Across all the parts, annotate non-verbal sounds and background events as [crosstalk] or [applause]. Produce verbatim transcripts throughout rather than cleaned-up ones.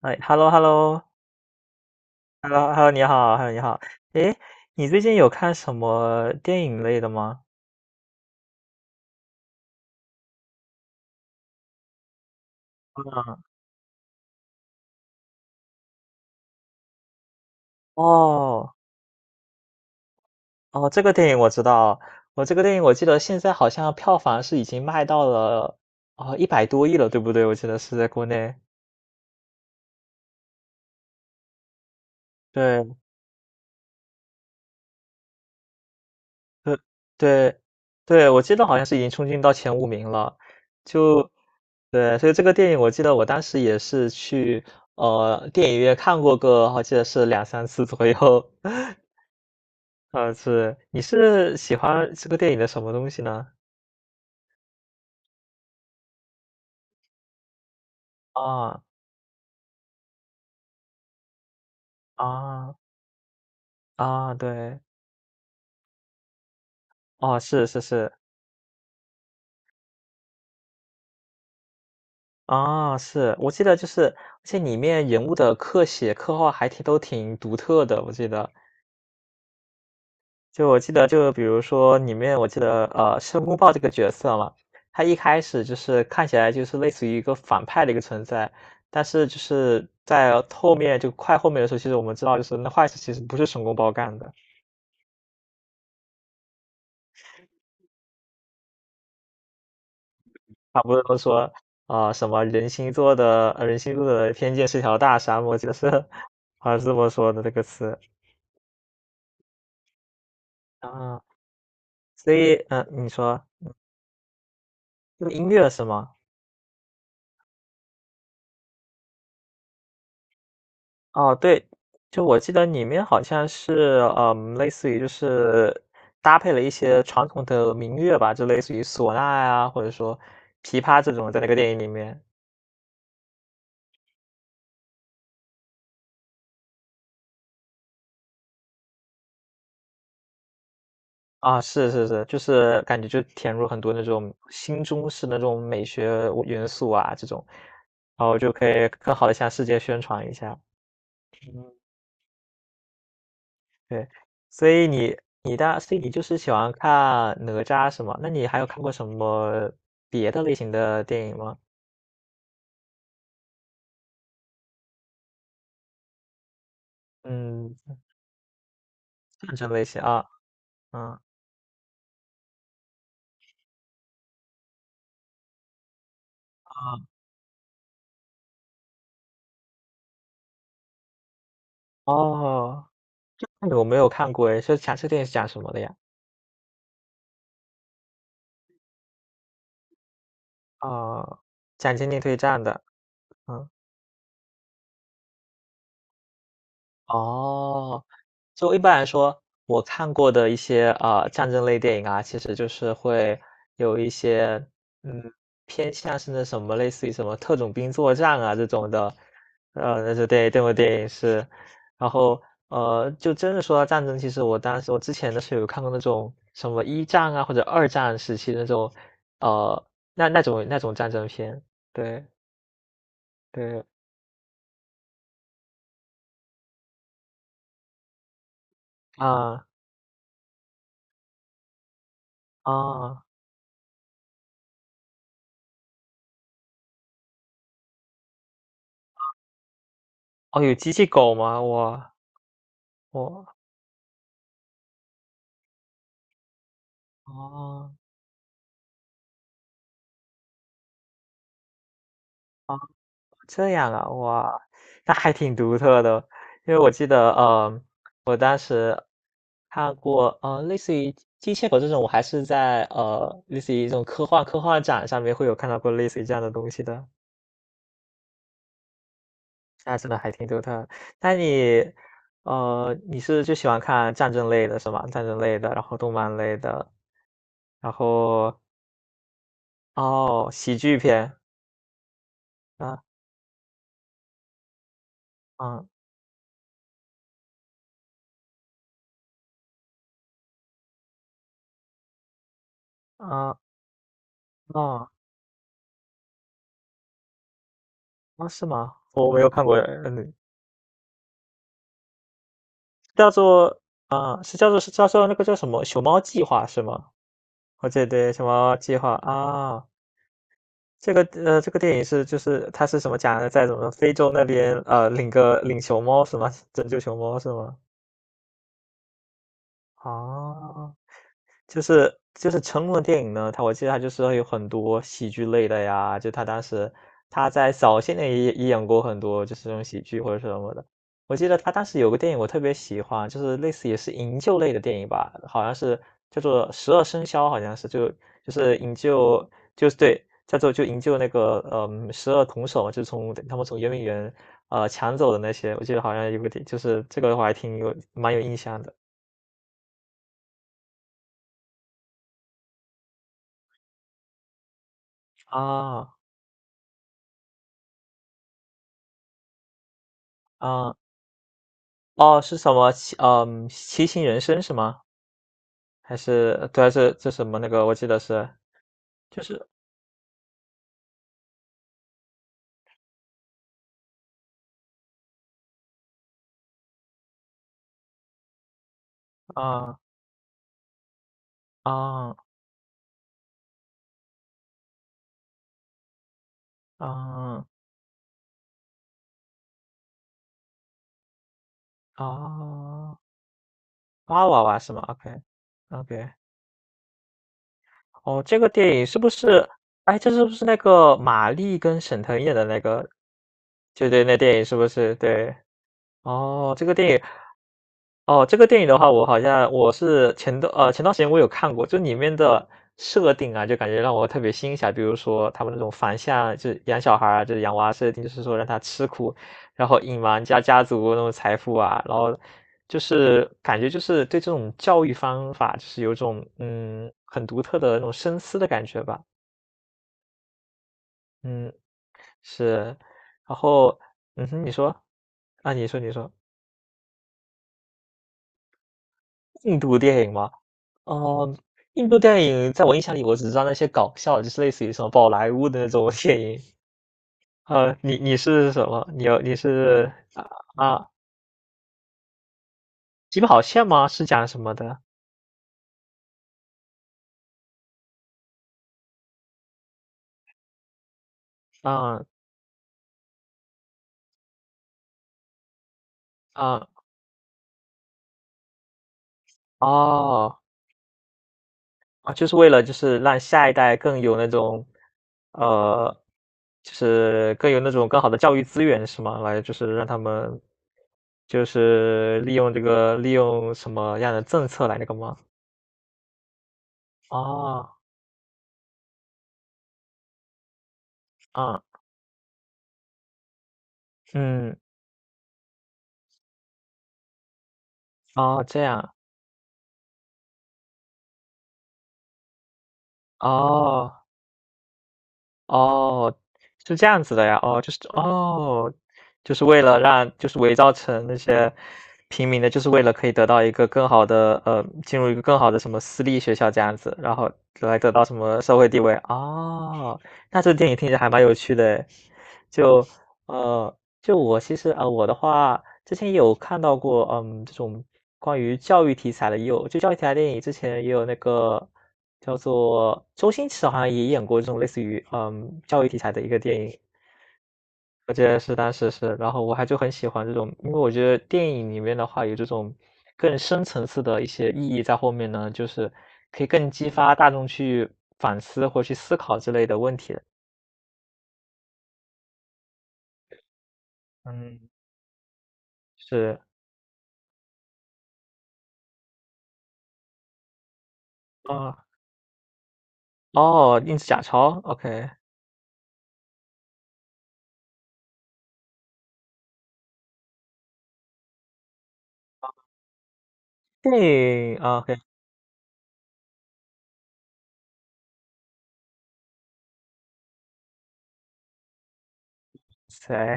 哎，hello，hello，hello，hello，你好，hello，你好。诶，你最近有看什么电影类的吗？哦，哦，这个电影我知道，我这个电影我记得现在好像票房是已经卖到了哦一百多亿了，对不对？我记得是在国内。对，对，对，对，我记得好像是已经冲进到前五名了。就对，所以这个电影我记得我当时也是去呃电影院看过个，我记得是两三次左右。[laughs] 呃，是，你是喜欢这个电影的什么东西呢？啊啊啊，对，哦，是是是，啊，是，我记得就是，而且里面人物的刻写、刻画还挺都挺独特的，我记得，就我记得就比如说里面我记得呃申公豹这个角色嘛，他一开始就是看起来就是类似于一个反派的一个存在，但是就是在后面就快后面的时候，其实我们知道就是那坏事其实不是申公豹干的。他不是都说啊、什么人心做的呃人心做的偏见是条大沙漠，我记得是 [laughs] 好像是这么说的这个词啊。所以嗯、呃你说用音乐是吗？哦，对，就我记得里面好像是嗯，类似于就是搭配了一些传统的民乐吧，就类似于唢呐呀、或者说琵琶这种，在那个电影里面。啊，是是是，就是感觉就填入很多那种新中式的那种美学元素啊，这种，然后就可以更好的向世界宣传一下。嗯，对，所以你你的所以你就是喜欢看哪吒是吗？那你还有看过什么别的类型的电影吗？嗯，战争类型啊，嗯啊，哦，那个我没有看过诶，是讲这个电影是讲什么的呀？哦，讲经济对战的，嗯。哦，就一般来说，我看过的一些啊战争类电影啊，其实就是会有一些嗯偏向是那什么，类似于什么特种兵作战啊这种的，呃，那是对这部电影是，然后呃，就真的说到战争，其实我当时我之前的时候有看过那种什么一战啊或者二战时期的那种，呃，那那种那种战争片，对对啊啊哦，有机器狗吗？我我。哦，这样啊，哇，那还挺独特的。因为我记得，呃，我当时看过，呃，类似于机械狗这种，我还是在呃，类似于这种科幻科幻展上面会有看到过类似于这样的东西的，那真的还挺独特。那你，呃，你是就喜欢看战争类的是吗？战争类的，然后动漫类的，然后哦，喜剧片，啊啊啊哦哦，是吗？我没有看过，嗯，叫做啊，是叫做是叫做那个叫什么《熊猫计划》是吗？哦，对对，《熊猫计划》啊，这个呃，这个电影是就是它是什么讲的，在什么非洲那边呃领个领熊猫是吗？拯救熊猫是吗？啊，就是就是成龙的电影呢，他我记得他就是会有很多喜剧类的呀，就他当时他在早些年也也演过很多就是这种喜剧或者是什么的。我记得他当时有个电影我特别喜欢，就是类似也是营救类的电影吧，好像是叫做《十二生肖》，好像是就就是营救就是对，叫做就营救那个嗯十二铜首嘛就是从他们从圆明园呃抢走的那些，我记得好像有个电就是这个我还挺有蛮有印象的。啊啊。哦，是什么七嗯，七星人生是吗？还是对啊，还是这什么那个？我记得是，就是啊啊啊啊，娃娃娃是吗？OK OK，哦，这个电影是不是？哎，这是不是那个马丽跟沈腾演的那个？就对，那电影是不是？对。哦，这个电影哦，这个电影的话，我好像我是前段呃前段时间我有看过，就里面的设定啊，就感觉让我特别欣赏。比如说他们那种反向，就是养小孩儿啊，就是养娃设定，就是说让他吃苦，然后隐瞒家家族那种财富啊，然后就是感觉就是对这种教育方法，就是有一种嗯很独特的那种深思的感觉吧。嗯，是，然后嗯哼，你说啊，你说你说印度电影吗？哦，印度电影在我印象里，我只知道那些搞笑，就是类似于什么宝莱坞的那种 [laughs] 电影。呃，你你是什么？你有你是啊，起跑线吗？是讲什么的？嗯嗯，哦啊，就是为了就是让下一代更有那种，呃，就是更有那种更好的教育资源是吗？来，就是让他们就是利用这个利用什么样的政策来那个吗？哦，啊，嗯，哦，这样。哦，哦，是这样子的呀，哦，就是哦，就是为了让就是伪造成那些平民的，就是为了可以得到一个更好的，呃，进入一个更好的什么私立学校这样子，然后来得到什么社会地位，哦，那这个电影听着还蛮有趣的诶，就，呃就我其实啊、呃我的话之前也有看到过，嗯，这种关于教育题材的，也有就教育题材电影，之前也有那个叫做周星驰好像也演过这种类似于嗯教育题材的一个电影，我记得是当时是，然后我还就很喜欢这种，因为我觉得电影里面的话有这种更深层次的一些意义在后面呢，就是可以更激发大众去反思或去思考之类的问题的。嗯，是啊，哦，印制假钞，OK。Hey, okay, so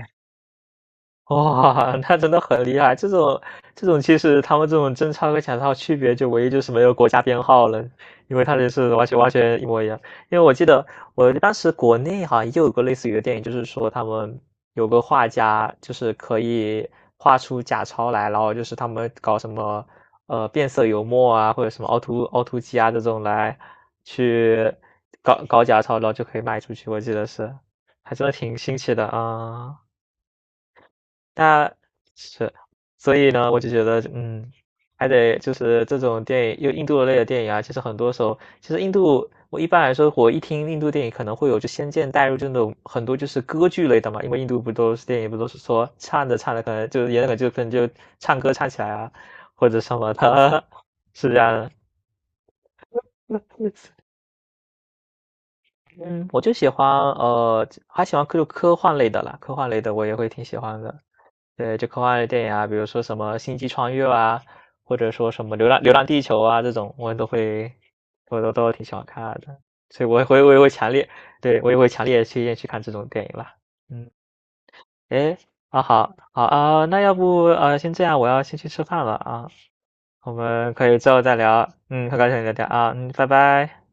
[laughs] 哇，那真的很厉害！这种这种其实他们这种真钞和假钞区别就唯一就是没有国家编号了，因为它这是完全完全一模一样。因为我记得我当时国内好像也有个类似于的电影，就是说他们有个画家就是可以画出假钞来，然后就是他们搞什么呃变色油墨啊，或者什么凹凸凹凸机啊这种来去搞搞假钞，然后就可以卖出去。我记得是，还真的挺新奇的啊。那是，所以呢，我就觉得，嗯，还得就是这种电影，又印度类的电影啊，其实很多时候，其实印度，我一般来说，我一听印度电影可能会有就先见代入这种很多就是歌剧类的嘛，因为印度不都是电影不都是说唱着唱着可能就演那个就可能就唱歌唱起来啊，或者什么的，[laughs] 是这样的。嗯，我就喜欢呃，还喜欢科科幻类的啦，科幻类的我也会挺喜欢的。对，就科幻类电影啊，比如说什么《星际穿越》啊，或者说什么流浪《流浪地球》啊这种，我都会，我都都挺喜欢看的，所以我会我也会强烈，对我也会强烈推荐去看这种电影了。嗯，诶，啊好，好啊，那要不呃先这样，我要先去吃饭了啊，我们可以之后再聊，嗯，很高兴跟你聊天啊，嗯，拜拜。